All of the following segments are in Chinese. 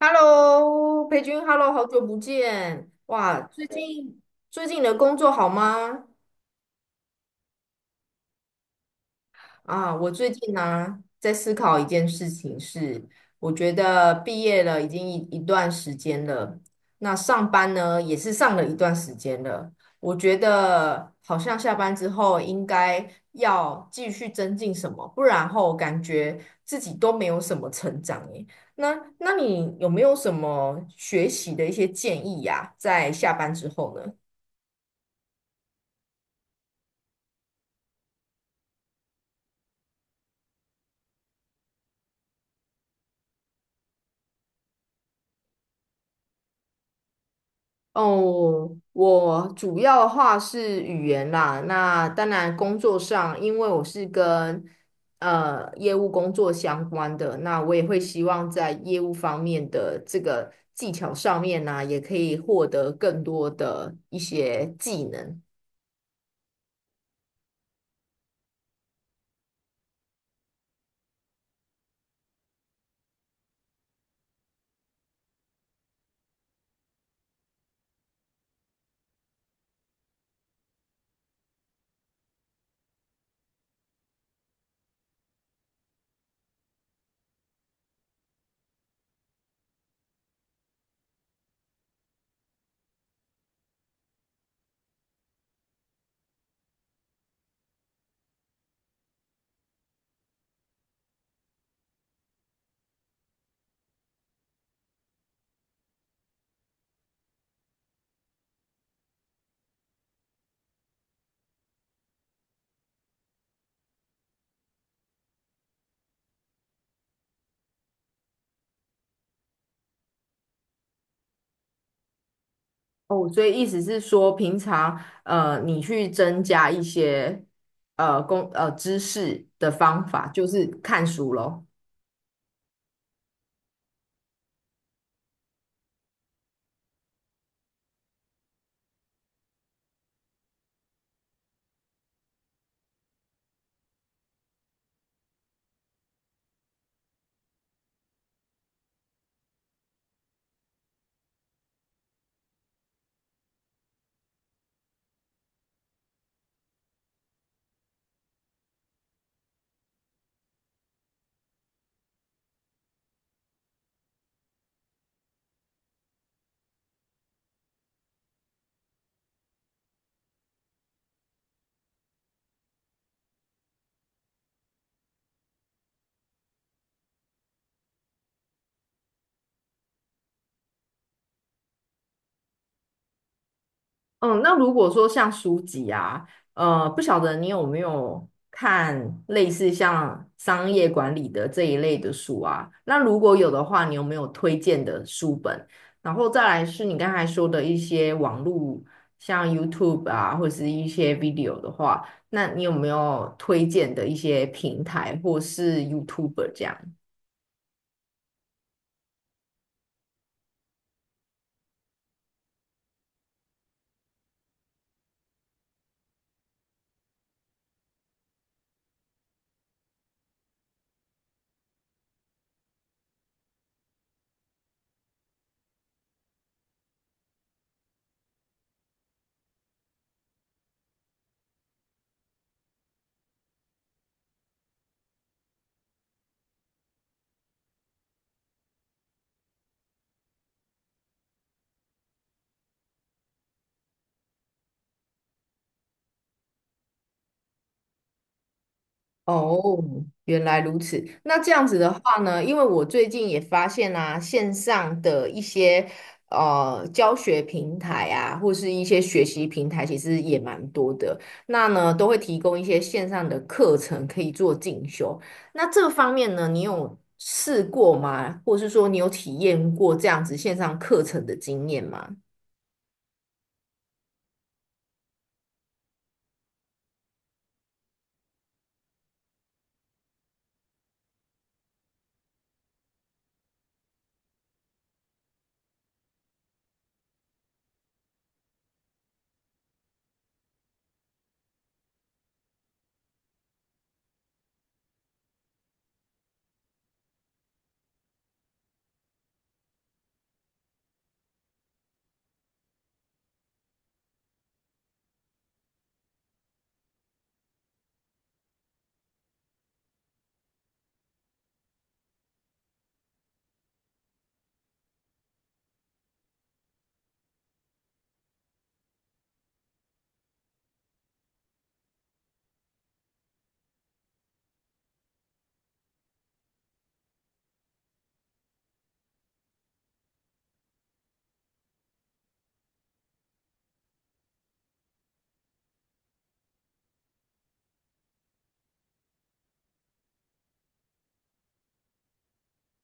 Hello，裴君，Hello，好久不见！哇，最近你的工作好吗？啊，我最近呢在思考一件事情是，我觉得毕业了已经一段时间了，那上班呢也是上了一段时间了，我觉得好像下班之后应该要继续增进什么，不然后感觉自己都没有什么成长诶。那你有没有什么学习的一些建议呀，在下班之后呢？哦，我主要的话是语言啦。那当然，工作上，因为我是跟业务工作相关的，那我也会希望在业务方面的这个技巧上面呢、也可以获得更多的一些技能。哦，所以意思是说，平常你去增加一些呃工呃知识的方法，就是看书咯。嗯，那如果说像书籍啊，不晓得你有没有看类似像商业管理的这一类的书啊？那如果有的话，你有没有推荐的书本？然后再来是你刚才说的一些网络，像 YouTube 啊，或是一些 video 的话，那你有没有推荐的一些平台或是 YouTuber 这样？哦，原来如此。那这样子的话呢，因为我最近也发现啊，线上的一些教学平台啊，或是一些学习平台，其实也蛮多的。那呢，都会提供一些线上的课程可以做进修。那这方面呢，你有试过吗？或是说你有体验过这样子线上课程的经验吗？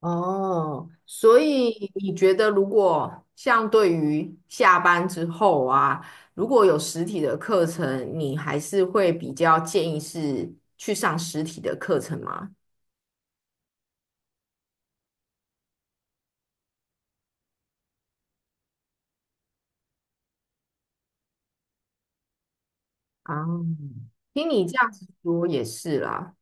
哦，所以你觉得，如果像对于下班之后啊，如果有实体的课程，你还是会比较建议是去上实体的课程吗？啊，听你这样子说也是啦。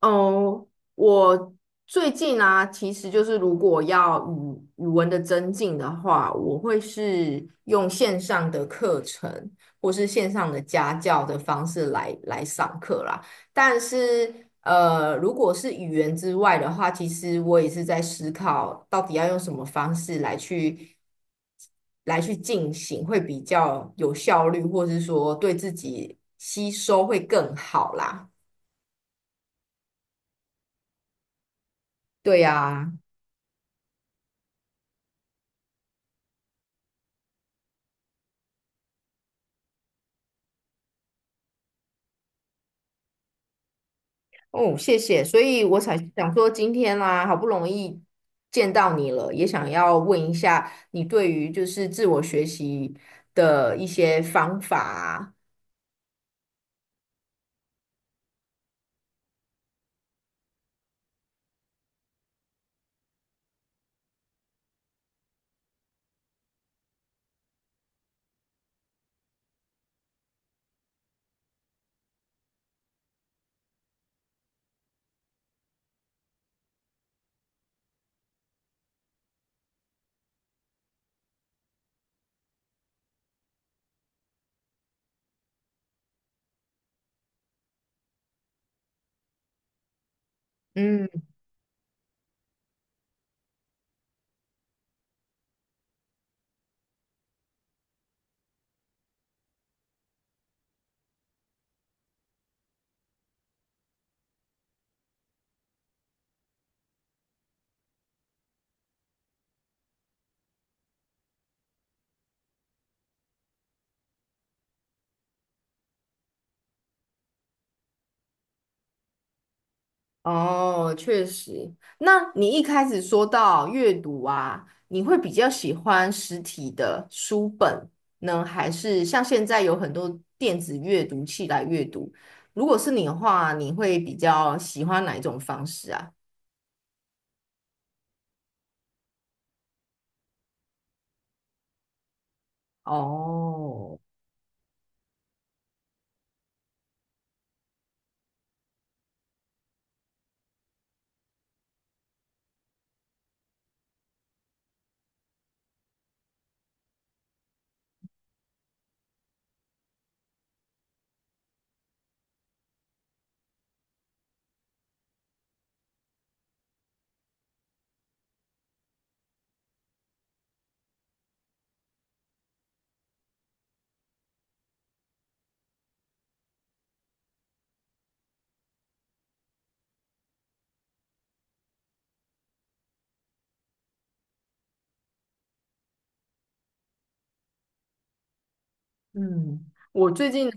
哦，我最近啊，其实就是如果要语文的增进的话，我会是用线上的课程或是线上的家教的方式来上课啦。但是，如果是语言之外的话，其实我也是在思考，到底要用什么方式来去进行，会比较有效率，或是说对自己吸收会更好啦。对呀、哦，谢谢。所以我才想说，今天啦、好不容易见到你了，也想要问一下你对于就是自我学习的一些方法啊。嗯，哦，确实。那你一开始说到阅读啊，你会比较喜欢实体的书本呢，还是像现在有很多电子阅读器来阅读？如果是你的话，你会比较喜欢哪一种方式啊？哦，嗯，我最近呢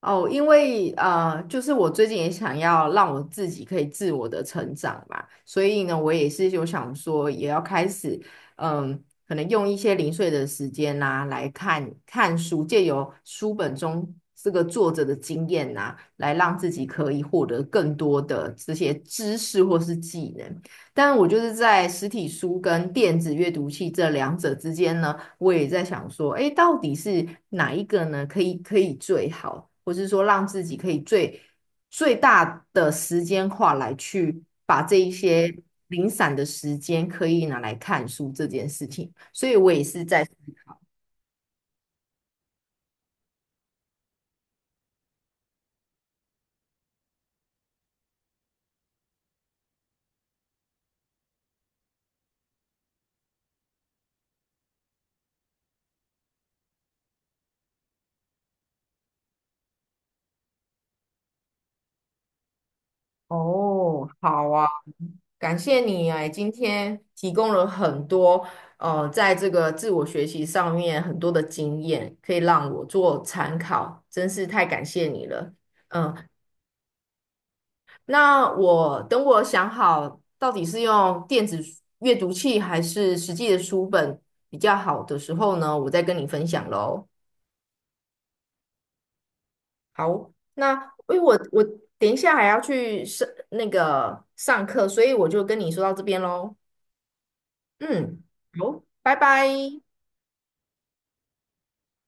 哦，因为就是我最近也想要让我自己可以自我的成长嘛，所以呢，我也是有想说，也要开始，嗯，可能用一些零碎的时间呐、来看看书，借由书本中这个作者的经验呐、来让自己可以获得更多的这些知识或是技能。但我就是在实体书跟电子阅读器这两者之间呢。我也在想说，哎，到底是哪一个呢？可以最好，或是说让自己可以最大的时间化来去把这一些零散的时间可以拿来看书这件事情。所以我也是在哦，好啊，感谢你哎，今天提供了很多呃，在这个自我学习上面很多的经验，可以让我做参考，真是太感谢你了。嗯，那我等我想好到底是用电子书阅读器还是实际的书本比较好的时候呢，我再跟你分享喽。好，那因为我等一下还要去上那个上课，所以我就跟你说到这边喽。嗯，好，拜拜。